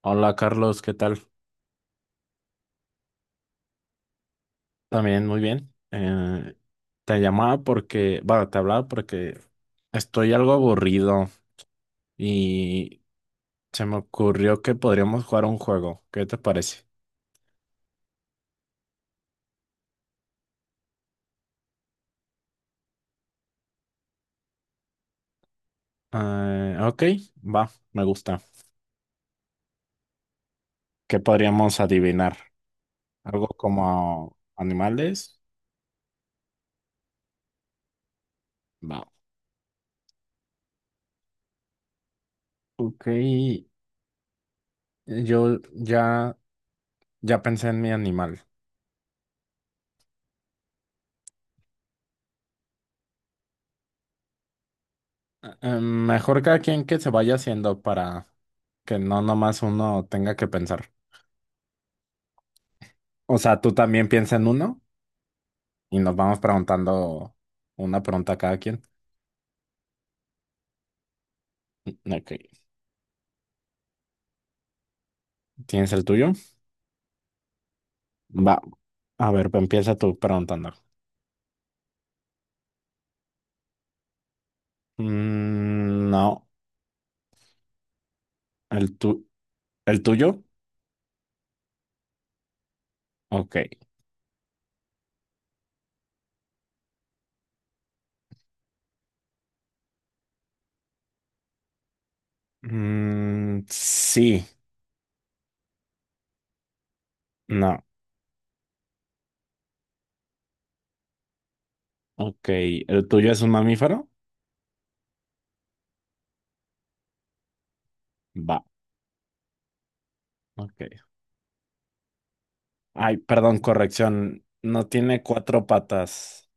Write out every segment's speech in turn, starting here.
Hola Carlos, ¿qué tal? También muy bien. Te llamaba porque, bueno, te hablaba porque estoy algo aburrido y se me ocurrió que podríamos jugar un juego. ¿Qué te parece? Ok, va, me gusta. ¿Qué podríamos adivinar? ¿Algo como animales? Va. Ok, yo ya, ya pensé en mi animal. Mejor cada quien que se vaya haciendo para que no nomás uno tenga que pensar. O sea, tú también piensa en uno y nos vamos preguntando una pregunta a cada quien. Mm, ok. ¿Tienes el tuyo? Va. A ver, pues empieza tú preguntando. Mm, no. ¿El tu ¿El tuyo? Ok. Mm, sí. No. Ok. ¿El tuyo es un mamífero? Va. Ok. Ay, perdón, corrección. No tiene cuatro patas.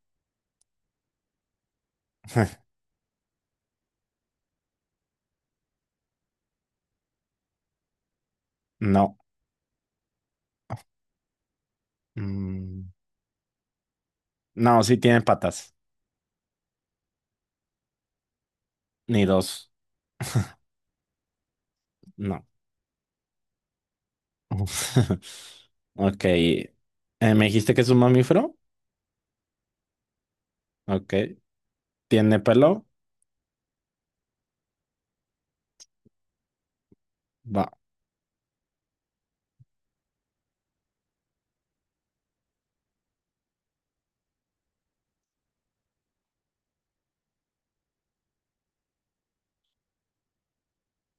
No. Mm, no, sí tiene patas. Ni dos. No. Ok. ¿Me dijiste que es un mamífero? Ok. ¿Tiene pelo? Va.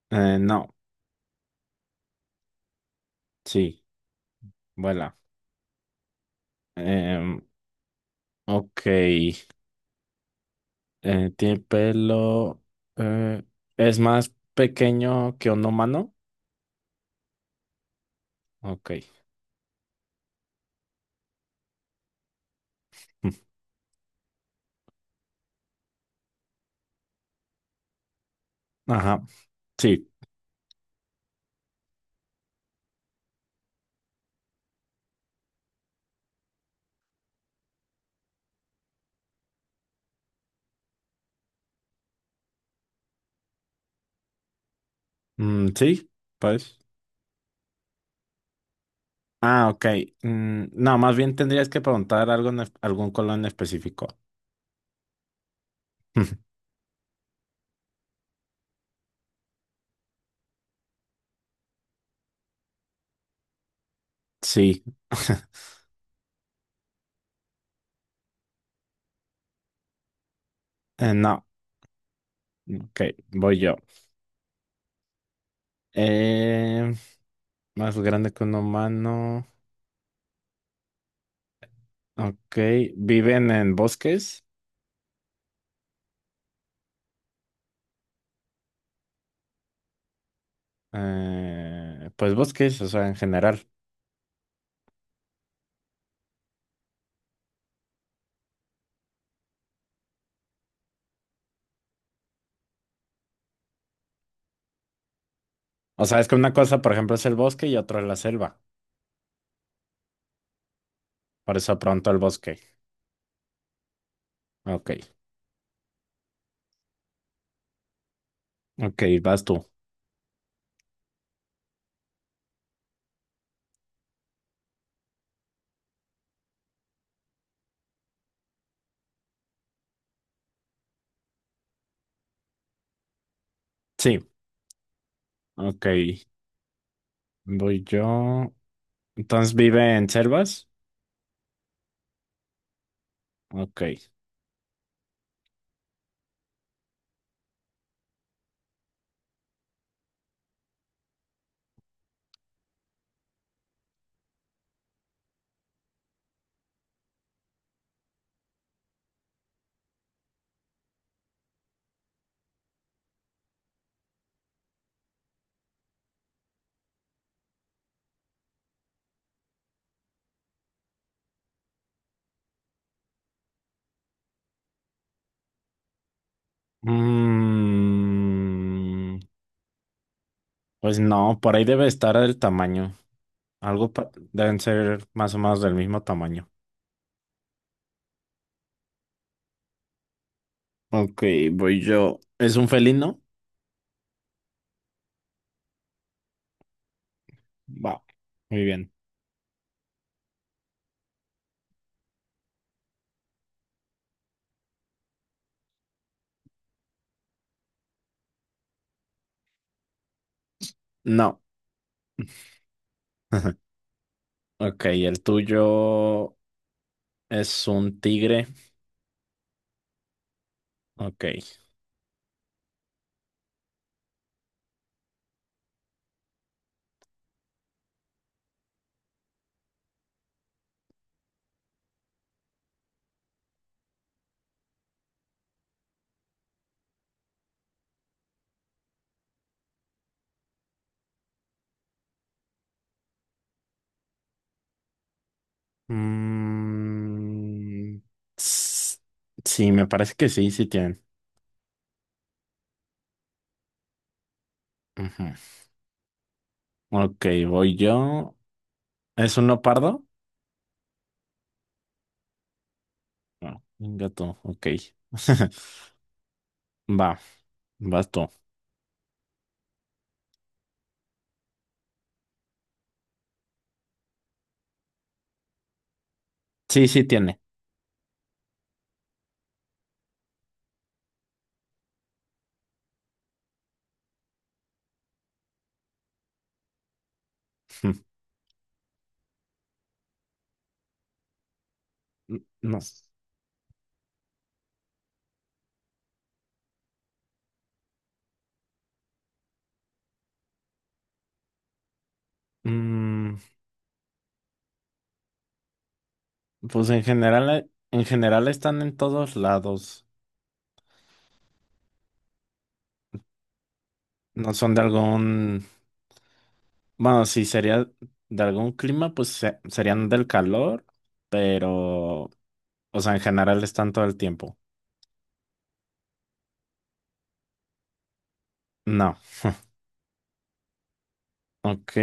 No. Sí. Vuela. Em, ok. ¿Tiene pelo? Eh, ¿Es más pequeño que un humano? Ok. Mm. Ajá. Sí. Mm, sí. Pues. Ah, ok. Mm, no, más bien tendrías que preguntar algo en algún color en específico. Sí. No. Ok. Voy yo. Eh, Más grande que un humano. Ok. Viven en bosques. Pues bosques, o sea, en general. O sea, es que una cosa, por ejemplo, es el bosque y otra es la selva. Por eso pronto el bosque. Ok. Ok, vas tú. Sí. Ok. Voy yo. Entonces vive en selvas. Ok. Mm, pues no, por ahí debe estar el tamaño. Deben ser más o menos del mismo tamaño. Ok, voy yo. ¿Es un felino? Wow, muy bien. No. Ok, el tuyo es un tigre. Ok. Mm, s- sí, me parece que sí, sí tienen. Ujú. Ok, voy yo. ¿Es un leopardo? No, un gato. Ok. Va, vas tú. Sí, sí tiene. No. Mm, pues en general están en todos lados. No son de algún. Bueno, si sería de algún clima, pues serían del calor, pero, o sea, en general están todo el tiempo. No. Ok,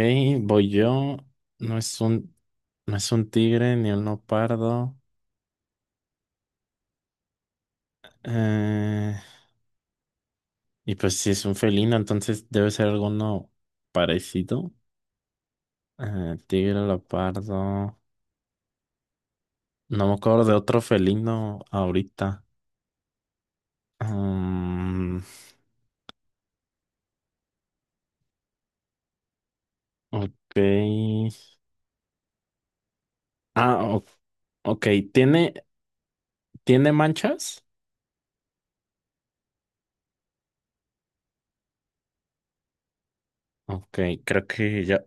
voy yo. No es un, no es un tigre ni un leopardo. Eh, y pues si es un felino, entonces debe ser alguno parecido. Tigre, leopardo. No me acuerdo de otro felino ahorita. Mm, ok. Ah, o- ok. Tiene ¿Tiene manchas? Ok, creo que ya,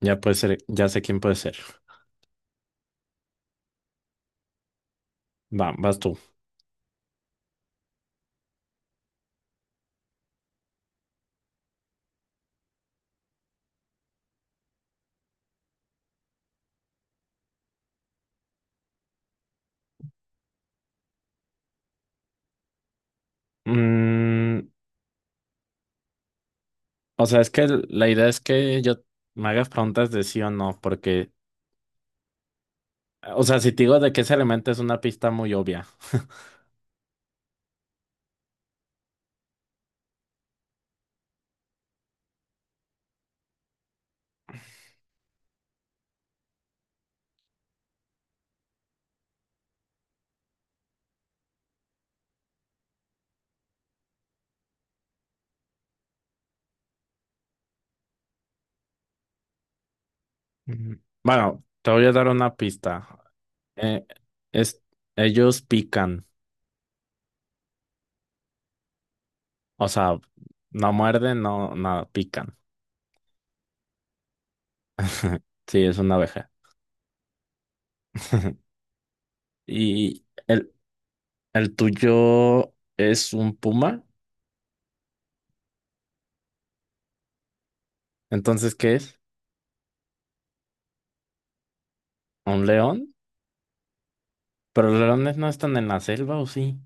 ya puede ser, ya sé quién puede ser. Va, vas tú. Mm, o sea, es que la idea es que yo me hagas preguntas de sí o no, porque, o sea, si te digo de qué se alimenta es una pista muy obvia. Mm, bueno, te voy a dar una pista. Eh, es, ellos pican, o sea, no muerden, no, nada, pican. Sí, es una abeja. ¿Y el tuyo es un puma? Entonces, ¿qué es? ¿Un león? Pero los leones no están en la selva, ¿o sí?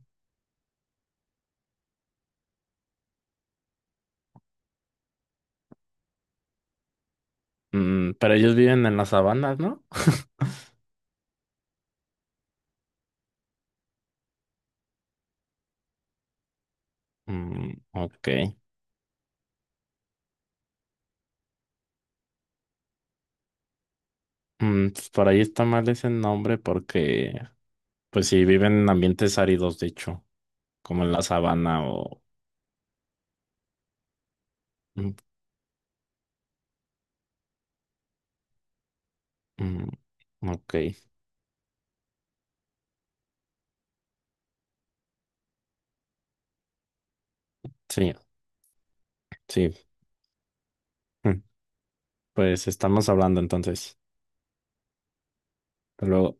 Mm, pero ellos viven en las sabanas, ¿no? Mm, ok. Mm, pues por ahí está mal ese nombre porque, pues sí, viven en ambientes áridos, de hecho, como en la sabana o... Mm, mm, ok, sí, sí. Mm. Pues estamos hablando entonces. Hasta luego.